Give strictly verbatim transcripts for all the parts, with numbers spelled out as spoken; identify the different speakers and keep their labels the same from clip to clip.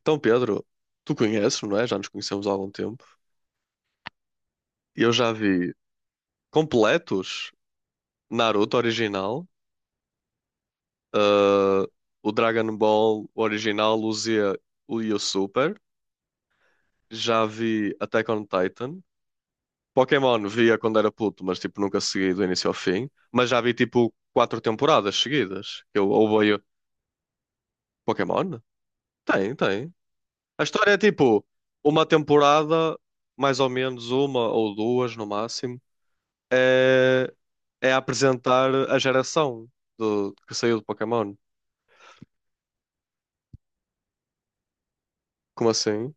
Speaker 1: Então, Pedro, tu conheces, não é? Já nos conhecemos há algum tempo. Eu já vi completos Naruto original, ah, o Dragon Ball original, o Z e o Super. Já vi Attack on Titan. Pokémon via quando era puto, mas tipo nunca segui do início ao fim. Mas já vi tipo quatro temporadas seguidas. Eu ouvi veio Pokémon? Tem, tem. A história é tipo uma temporada, mais ou menos uma ou duas no máximo. É, é apresentar a geração do, que saiu do Pokémon. Como assim?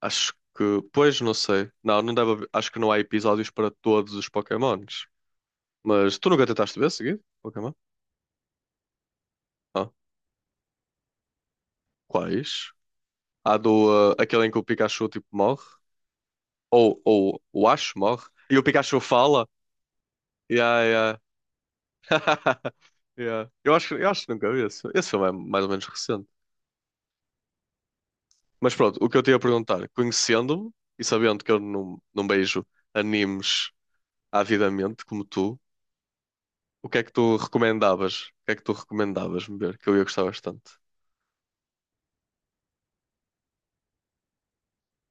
Speaker 1: Acho que. Pois, não sei. Não, não deve haver- Acho que não há episódios para todos os Pokémons. Mas tu nunca tentaste ver seguido? Pokémon? Ah, quais? Há do. Ah, aquele em que o Pikachu tipo morre? Ou, ou o Ash morre? E o Pikachu fala? Yeah, yeah. Yeah. Eu acho, eu acho que nunca vi esse. Esse filme é mais ou menos recente. Mas pronto, o que eu te ia perguntar, conhecendo-me e sabendo que eu não, não beijo animes avidamente como tu, o que é que tu recomendavas? O que é que tu recomendavas-me ver? Que eu ia gostar bastante.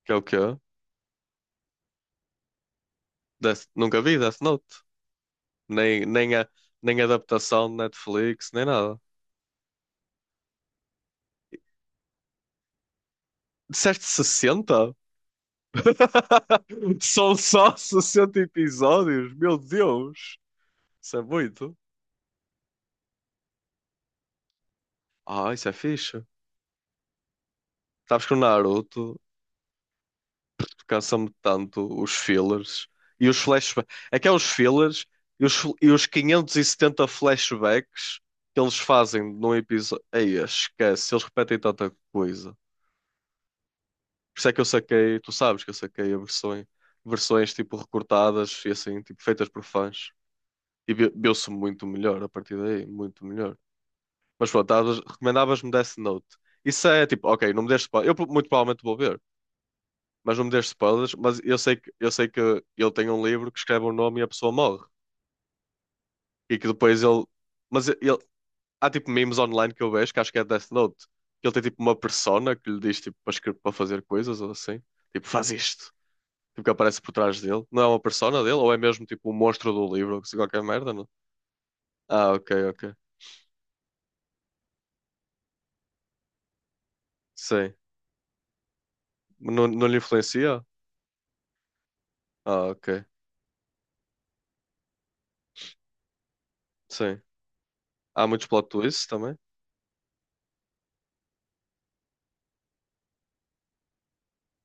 Speaker 1: Que é o quê? Death... Nunca vi Death Note. Nem, nem, a, Nem adaptação de Netflix, nem nada. Disseste sessenta? São só sessenta episódios? Meu Deus! Isso é muito. Ah, isso é fixe. Sabes que o Naruto cansa-me tanto os fillers e os flashbacks. É que é os fillers e os, e os quinhentos e setenta flashbacks que eles fazem num episódio. Ei, esquece, eles repetem tanta coisa. Por isso é que eu saquei, tu sabes que eu saquei a versões, versões tipo recortadas e assim, tipo feitas por fãs. E vi- viu-se muito melhor a partir daí, muito melhor. Mas pronto, estavas- recomendavas-me Death Note. Isso é tipo, ok, não me deste spoiler. Eu pro- muito provavelmente vou ver. Mas não me dês spoilers, mas eu sei que eu sei que ele tem um livro que escreve o nome e a pessoa morre. E que depois ele. Mas ele. Há tipo memes online que eu vejo, que acho que é Death Note, que ele tem tipo uma persona que lhe diz tipo para, escrever, para fazer coisas ou assim. Tipo, faz isto. Tipo, que aparece por trás dele. Não é uma persona dele, ou é mesmo tipo um monstro do livro, ou assim, qualquer merda, não? Ah, ok, ok. Sim. Não, não lhe influencia? Ah, ok. Sim. Há muitos plot twists também?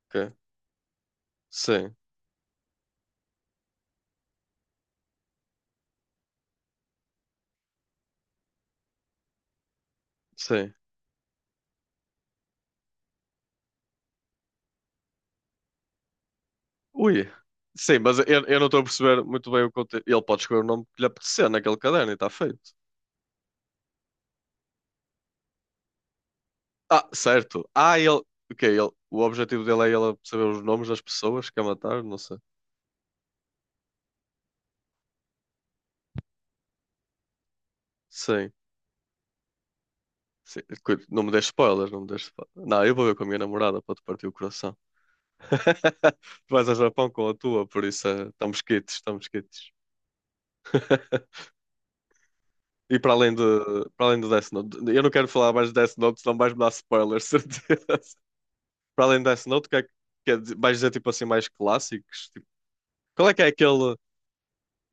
Speaker 1: Ok. Sim, sim. Ui, sim, mas eu, eu não estou a perceber muito bem o conteúdo. Ele pode escolher o nome que lhe apetecer naquele caderno e está feito. Ah, certo. Ah, ele. O quê? Ele... O objetivo dele é ele saber os nomes das pessoas que quer matar? Não sei. Sim. Sim. Cu- Não me deixes spoilers, não me deixes spoilers. Não, eu vou ver com a minha namorada para te partir o coração. Tu vais ao Japão com a tua, por isso eh, estamos quites, estamos quites. E para além de, para além do Death Note, eu não quero falar mais de Death Note, senão vais-me dar spoilers, certeza. Para além de Death Note, que é, que é de- vais dizer tipo assim mais clássicos? Tipo, qual é que é aquele.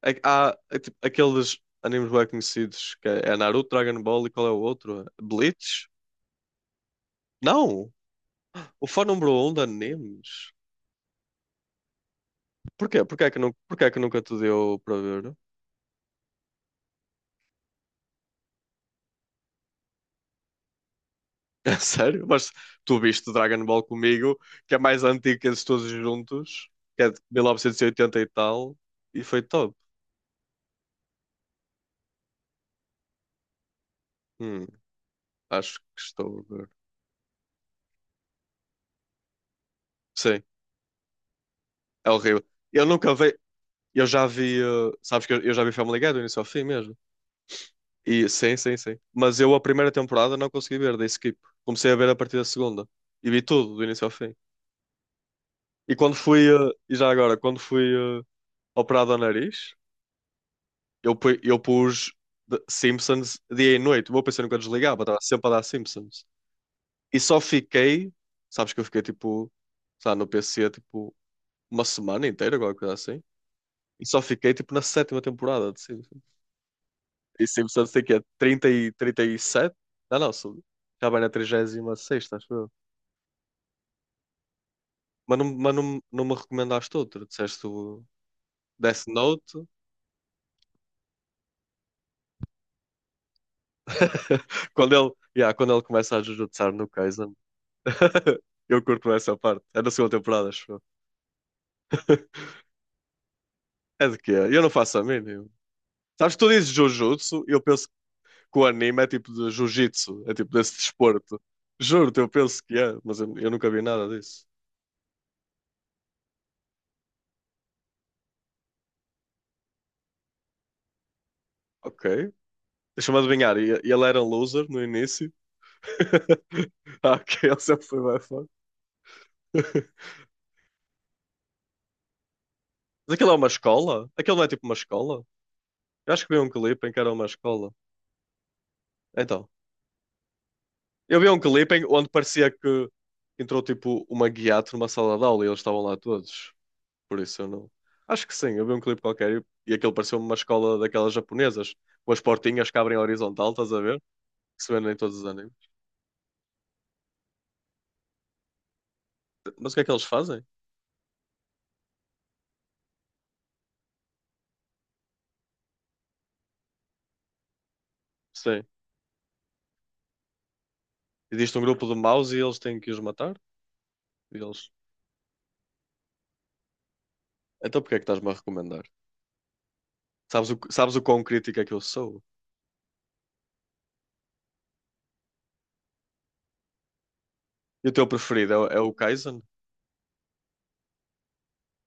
Speaker 1: É, que há é, tipo, aqueles animes bem conhecidos que é, é Naruto, Dragon Ball e qual é o outro? Bleach? Não! O fã número um de animes. Porquê? Porquê é que, nu- porquê é que nunca te deu para ver? É sério? Mas tu viste Dragon Ball comigo, que é mais antigo que eles todos juntos, que é de mil novecentos e oitenta e oitenta e tal, e foi top. Hum, acho que estou a ver. Sim, é horrível. Eu nunca vi. Eu já vi, uh, sabes que eu, eu já vi Family Guy do início ao fim mesmo. E sim, sim, sim. Mas eu a primeira temporada não consegui ver, dei skip. Comecei a ver a partir da segunda e vi tudo do início ao fim. E quando fui, uh, e já agora, quando fui uh, operado ao nariz, eu, pu- eu pus The Simpsons dia e noite. O meu P C nunca desligava, estava sempre a dar Simpsons. E só fiquei, sabes que eu fiquei tipo, sabe, no P C tipo uma semana inteira, alguma coisa assim. E só fiquei tipo na sétima temporada de Simpsons. E em Santos tem que é trinta e trinta e sete. Não, não, sou... já vai na trinta e seis, acho eu. Mas, não, mas não, não me recomendaste outro. Disseste o Death Note. Quando ele, yeah, quando ele começa a jujutsar no Kaisen. Eu curto essa parte. É da segunda temporada, acho eu. É de quê? Eu não faço a mínima. Sabes, tu dizes Jujutsu e eu penso que o anime é tipo de Jiu-Jitsu. É tipo desse desporto. Juro-te, eu penso que é, mas eu, eu nunca vi nada disso. Ok. Deixa-me adivinhar. E- Ele era um loser no início. Ah, ok, ele sempre foi mais forte. Mas aquilo é uma escola? Aquilo não é tipo uma escola? Eu acho que vi um clipe em que era uma escola. Então, eu vi um clipe em- onde parecia que entrou tipo uma guiato numa sala de aula e eles estavam lá todos. Por isso eu não. Acho que sim, eu vi um clipe qualquer e, e aquilo pareceu uma escola daquelas japonesas, com as portinhas que abrem horizontal, estás a ver? Que se vê em todos os animes. Mas o que é que eles fazem? Sim. Existe um grupo de maus e eles têm que os matar? E eles. Então porque é que estás-me a recomendar? Sabes o, sabes o quão crítico é que eu sou? E o teu preferido é, o- é o Kaizen?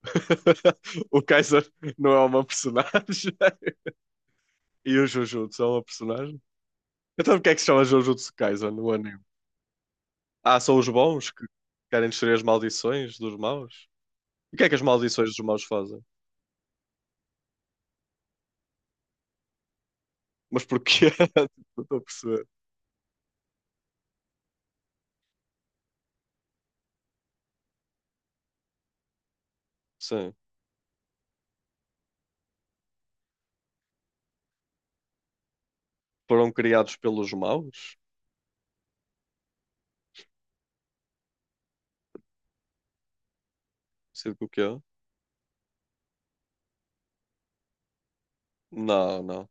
Speaker 1: O Kaizen não é uma personagem. E o Jujutsu é uma personagem? Então porque é que se chama Jujutsu Kaisen no anime? Ah, são os bons que querem destruir as maldições dos maus? E o que é que as maldições dos maus fazem? Mas porquê? Não estou a perceber. Sim. Foram criados pelos maus? Sei o que é. Não, não.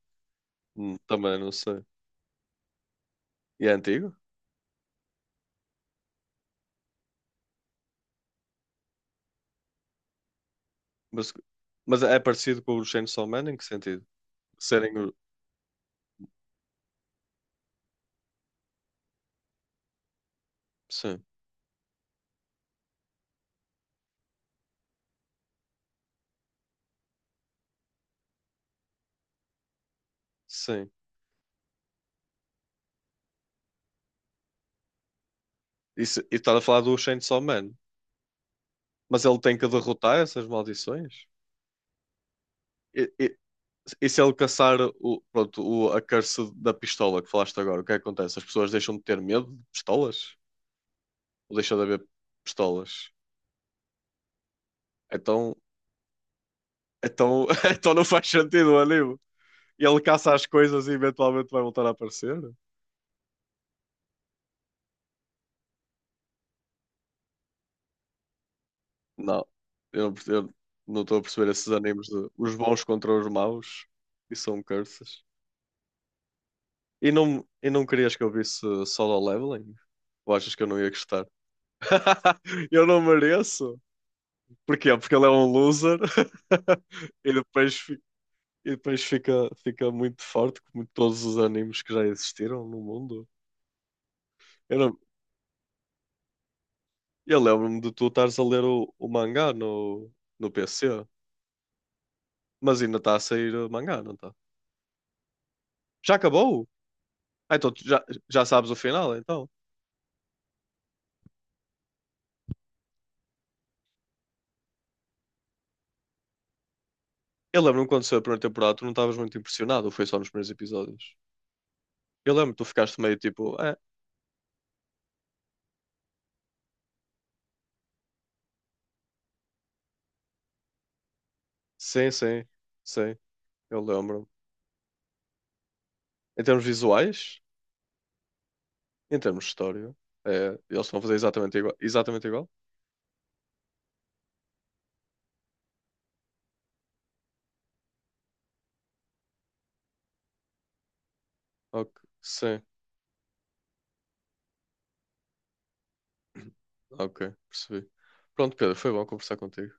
Speaker 1: Hum, também não sei. E é antigo? Mas, mas é parecido com o Chainsaw Man em que sentido? Serem Sim, sim. Isso, e estás a falar do Chainsaw Man. Mas ele tem que derrotar essas maldições? E, e- e se ele caçar o, pronto, o, a curse da pistola que falaste agora, o que é que acontece? As pessoas deixam de ter medo de pistolas? Ou deixam de haver pistolas? Então, então, então não faz sentido o anime. E ele caça as coisas e eventualmente vai voltar a aparecer? Não. Eu não, perce- eu não estou a perceber esses animes de os bons contra os maus. E são curses. E não, e não querias que eu visse solo leveling? Ou achas que eu não ia gostar? Eu não mereço. Porquê? Porque ele é um loser e depois, fi- e depois fica, fica muito forte, como todos os animes que já existiram no mundo. Eu, não- eu lembro-me de tu estares a ler o, o mangá no, no P C, mas ainda está a sair o mangá, não está? Já acabou? Ah, então tu já, já sabes o final, então. Eu lembro-me quando saiu a primeira temporada, tu não estavas muito impressionado, ou foi só nos primeiros episódios? Eu lembro, que tu ficaste meio tipo, ah, sim, sim, sim, eu lembro. Em termos visuais, em termos de história, é, eles estão a fazer exatamente igual. Exatamente igual? Ok, sim, ok, percebi. Pronto, Pedro, foi bom conversar contigo.